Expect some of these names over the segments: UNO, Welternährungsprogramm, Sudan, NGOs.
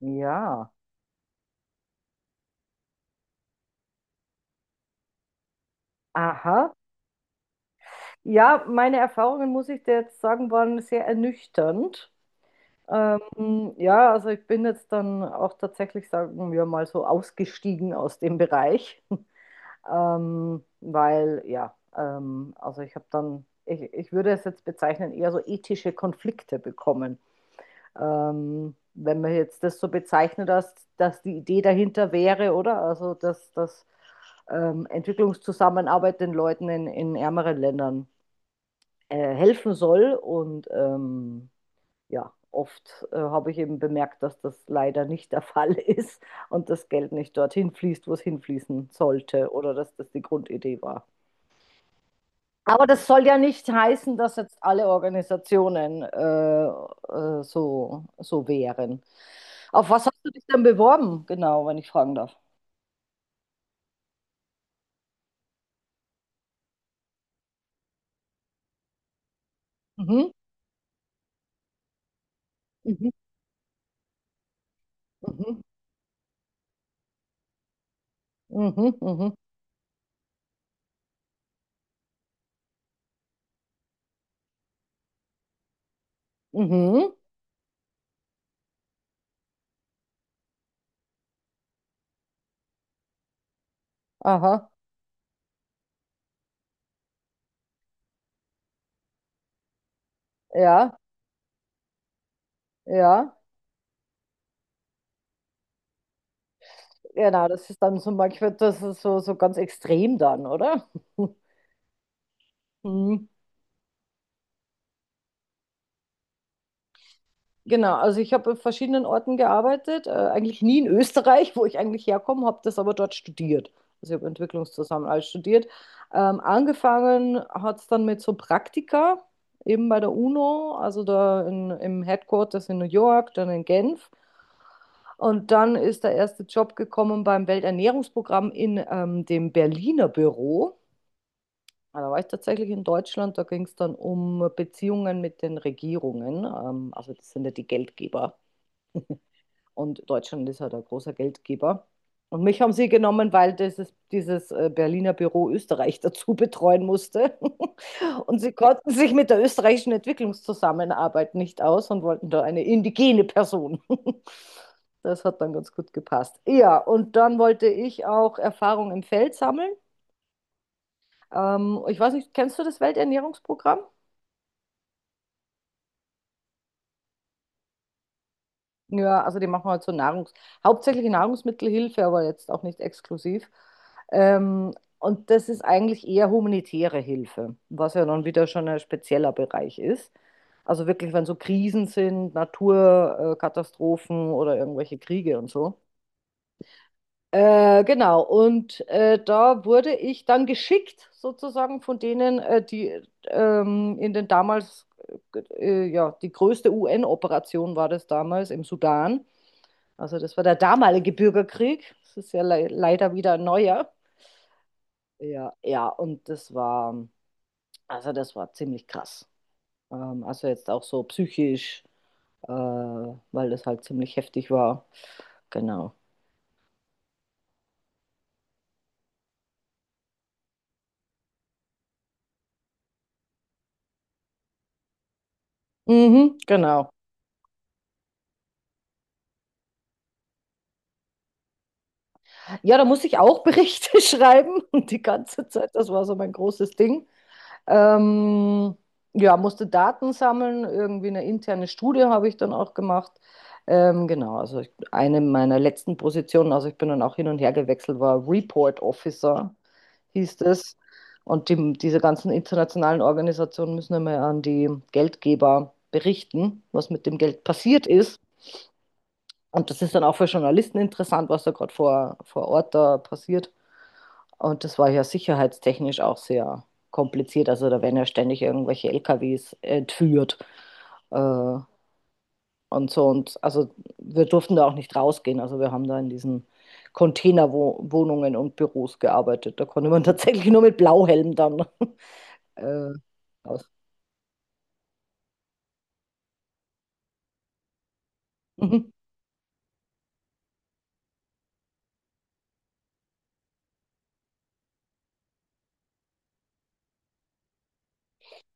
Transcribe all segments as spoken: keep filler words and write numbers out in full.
Ja, aha. Ja, meine Erfahrungen, muss ich dir jetzt sagen, waren sehr ernüchternd. Ähm, ja, also ich bin jetzt dann auch tatsächlich, sagen wir mal so, ausgestiegen aus dem Bereich, ähm, weil ja, ähm, also ich habe dann, ich, ich würde es jetzt bezeichnen, eher so ethische Konflikte bekommen. Ähm, wenn man jetzt das so bezeichnet, dass, dass die Idee dahinter wäre, oder? Also, dass, dass ähm, Entwicklungszusammenarbeit den Leuten in, in ärmeren Ländern äh, helfen soll. Und ähm, ja, oft äh, habe ich eben bemerkt, dass das leider nicht der Fall ist und das Geld nicht dorthin fließt, wo es hinfließen sollte, oder dass das die Grundidee war. Aber das soll ja nicht heißen, dass jetzt alle Organisationen äh, äh, so, so wären. Auf was hast du dich denn beworben, genau, wenn ich fragen darf? Mhm. Mhm. Mhm. Mhm. Mhm. Mhm. Aha. Ja. Ja. Genau, das ist dann so manchmal, das ist so, so ganz extrem dann, oder? Mhm. Genau, also ich habe in verschiedenen Orten gearbeitet, äh, eigentlich nie in Österreich, wo ich eigentlich herkomme, habe das aber dort studiert. Also ich habe Entwicklungszusammenarbeit studiert. Ähm, angefangen hat es dann mit so Praktika, eben bei der UNO, also da in, im Headquarters in New York, dann in Genf. Und dann ist der erste Job gekommen beim Welternährungsprogramm in ähm, dem Berliner Büro. Ah, Da war ich tatsächlich in Deutschland, da ging es dann um Beziehungen mit den Regierungen. Ähm, also das sind ja die Geldgeber. Und Deutschland ist halt ein großer Geldgeber. Und mich haben sie genommen, weil dieses, dieses äh, Berliner Büro Österreich dazu betreuen musste. Und sie konnten sich mit der österreichischen Entwicklungszusammenarbeit nicht aus und wollten da eine indigene Person. Das hat dann ganz gut gepasst. Ja, und dann wollte ich auch Erfahrung im Feld sammeln. Ähm, ich weiß nicht, kennst du das Welternährungsprogramm? Ja, also die machen halt so Nahrungs, hauptsächlich Nahrungsmittelhilfe, aber jetzt auch nicht exklusiv. Ähm, und das ist eigentlich eher humanitäre Hilfe, was ja dann wieder schon ein spezieller Bereich ist. Also wirklich, wenn so Krisen sind, Naturkatastrophen äh, oder irgendwelche Kriege und so. Äh, genau, und äh, da wurde ich dann geschickt, sozusagen von denen, äh, die ähm, in den damals, äh, ja, die größte U N-Operation war das damals im Sudan. Also das war der damalige Bürgerkrieg. Das ist ja le leider wieder ein neuer. Ja, ja, und das war, also das war ziemlich krass. Ähm, also jetzt auch so psychisch, äh, weil das halt ziemlich heftig war. Genau. Mhm, genau. Ja, da musste ich auch Berichte schreiben und die ganze Zeit. Das war so mein großes Ding. Ähm, ja, musste Daten sammeln, irgendwie eine interne Studie habe ich dann auch gemacht. Ähm, genau, also ich, eine meiner letzten Positionen, also ich bin dann auch hin und her gewechselt, war Report Officer, hieß es. Und die, diese ganzen internationalen Organisationen müssen immer an die Geldgeber berichten, was mit dem Geld passiert ist. Und das ist dann auch für Journalisten interessant, was da gerade vor, vor Ort da passiert. Und das war ja sicherheitstechnisch auch sehr kompliziert. Also da werden ja ständig irgendwelche L K Ws entführt äh, und so. Und also wir durften da auch nicht rausgehen. Also wir haben da in diesen Containerwohnungen und Büros gearbeitet. Da konnte man tatsächlich nur mit Blauhelm dann äh, raus. Mhm.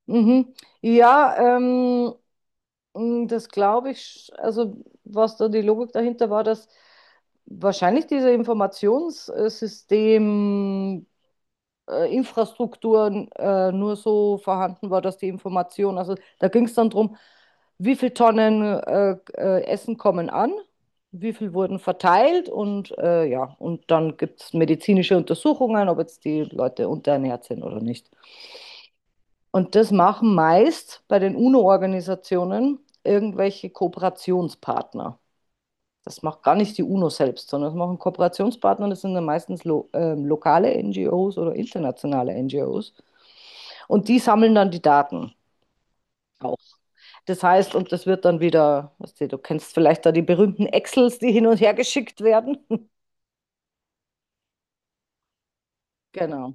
Mhm. Ja, ähm, Mm, Das glaube ich. Sch- also was da die Logik dahinter war, dass wahrscheinlich diese Informationssystem äh, Infrastruktur äh, nur so vorhanden war, dass die Information, also da ging es dann darum, wie viel Tonnen äh, äh, Essen kommen an, wie viel wurden verteilt und äh, ja, und dann gibt es medizinische Untersuchungen, ob jetzt die Leute unterernährt sind oder nicht. Und das machen meist bei den UNO-Organisationen irgendwelche Kooperationspartner. Das macht gar nicht die UNO selbst, sondern das machen Kooperationspartner, das sind dann meistens lo äh, lokale N G Os oder internationale N G Os. Und die sammeln dann die Daten auch. Das heißt, und das wird dann wieder, weißt du, du kennst vielleicht da die berühmten Excels, die hin und her geschickt werden. genau,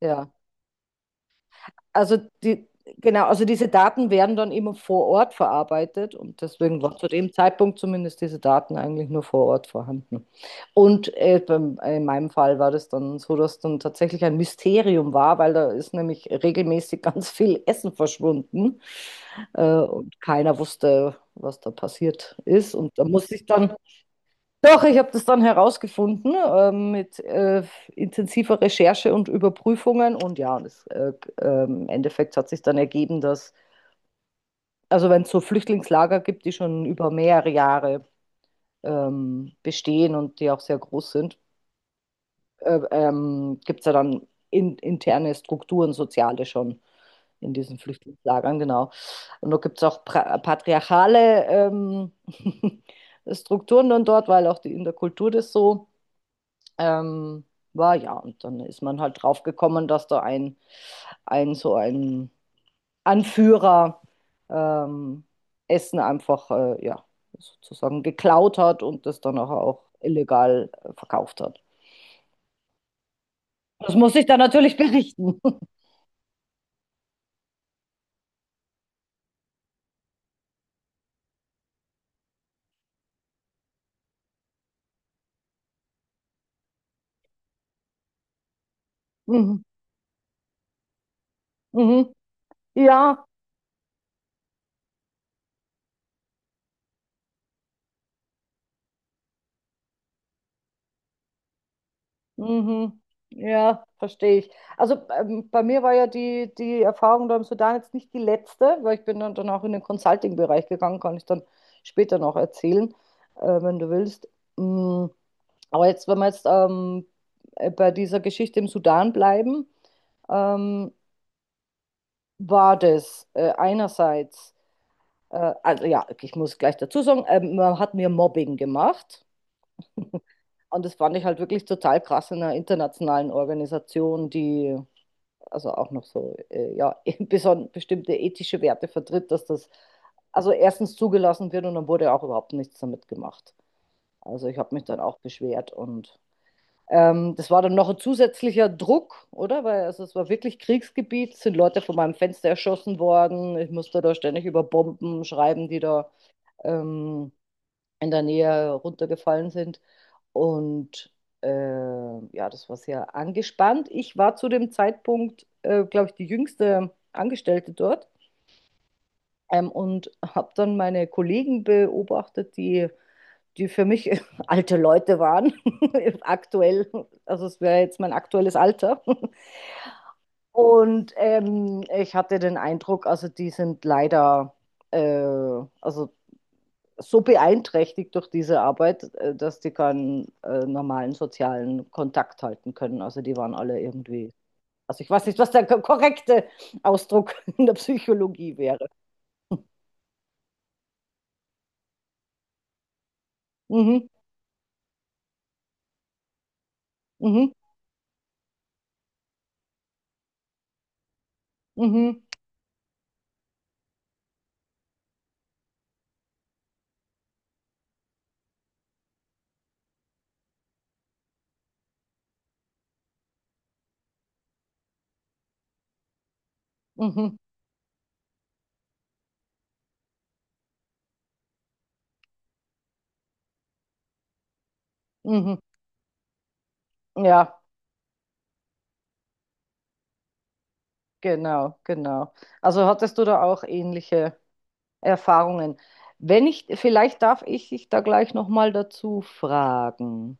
ja. Also die, genau, also diese Daten werden dann immer vor Ort verarbeitet und deswegen war zu dem Zeitpunkt zumindest diese Daten eigentlich nur vor Ort vorhanden. Und äh, beim- äh, in meinem Fall war das dann so, dass dann tatsächlich ein Mysterium war, weil da ist nämlich regelmäßig ganz viel Essen verschwunden äh, und keiner wusste, was da passiert ist. Und da musste ich dann doch, ich habe das dann herausgefunden ähm, mit äh, intensiver Recherche und Überprüfungen. Und ja, und es, äh, äh, im Endeffekt hat sich dann ergeben, dass, also wenn es so Flüchtlingslager gibt, die schon über mehrere Jahre ähm, bestehen und die auch sehr groß sind, äh, ähm, gibt es ja dann in, interne Strukturen, soziale schon in diesen Flüchtlingslagern, genau. Und da gibt es auch pra- patriarchale ähm, Strukturen dann dort, weil auch die, in der Kultur das so Ähm, war ja, und dann ist man halt drauf gekommen, dass da ein, ein so ein Anführer ähm, Essen einfach äh, ja, sozusagen geklaut hat und das dann nachher auch illegal äh, verkauft hat. Das muss ich dann natürlich berichten. Mhm. Mhm. Ja, mhm. Ja, verstehe ich. Also ähm, bei mir war ja die, die Erfahrung da im Sudan jetzt nicht die letzte, weil ich bin dann, dann auch in den Consulting-Bereich gegangen, kann ich dann später noch erzählen, äh, wenn du willst. Mm, Aber jetzt, wenn wir jetzt ähm, äh, bei dieser Geschichte im Sudan bleiben, ähm, war das äh, einerseits, äh, also ja, ich muss gleich dazu sagen, ähm, man hat mir Mobbing gemacht. Und das fand ich halt wirklich total krass in einer internationalen Organisation, die also auch noch so, äh, ja, beson- bestimmte ethische Werte vertritt, dass das also erstens zugelassen wird und dann wurde auch überhaupt nichts damit gemacht. Also ich habe mich dann auch beschwert und ähm, das war dann noch ein zusätzlicher Druck, oder? Weil also es war wirklich Kriegsgebiet, sind Leute von meinem Fenster erschossen worden, ich musste da ständig über Bomben schreiben, die da ähm, in der Nähe runtergefallen sind. Und äh, ja, das war sehr angespannt. Ich war zu dem Zeitpunkt, äh, glaube ich, die jüngste Angestellte dort ähm, und habe dann meine Kollegen beobachtet, die, die für mich alte Leute waren, aktuell. Also es wäre jetzt mein aktuelles Alter. Und ähm, ich hatte den Eindruck, also die sind leider, äh, also so beeinträchtigt durch diese Arbeit, äh, dass die keinen äh, normalen sozialen Kontakt halten können. Also die waren alle irgendwie, also ich weiß nicht, was der korrekte Ausdruck in der Psychologie wäre. Mhm, mhm, mhm, mhm, mhm. Ja, genau, genau. Also hattest du da auch ähnliche Erfahrungen? Wenn ich, vielleicht darf ich dich da gleich nochmal dazu fragen.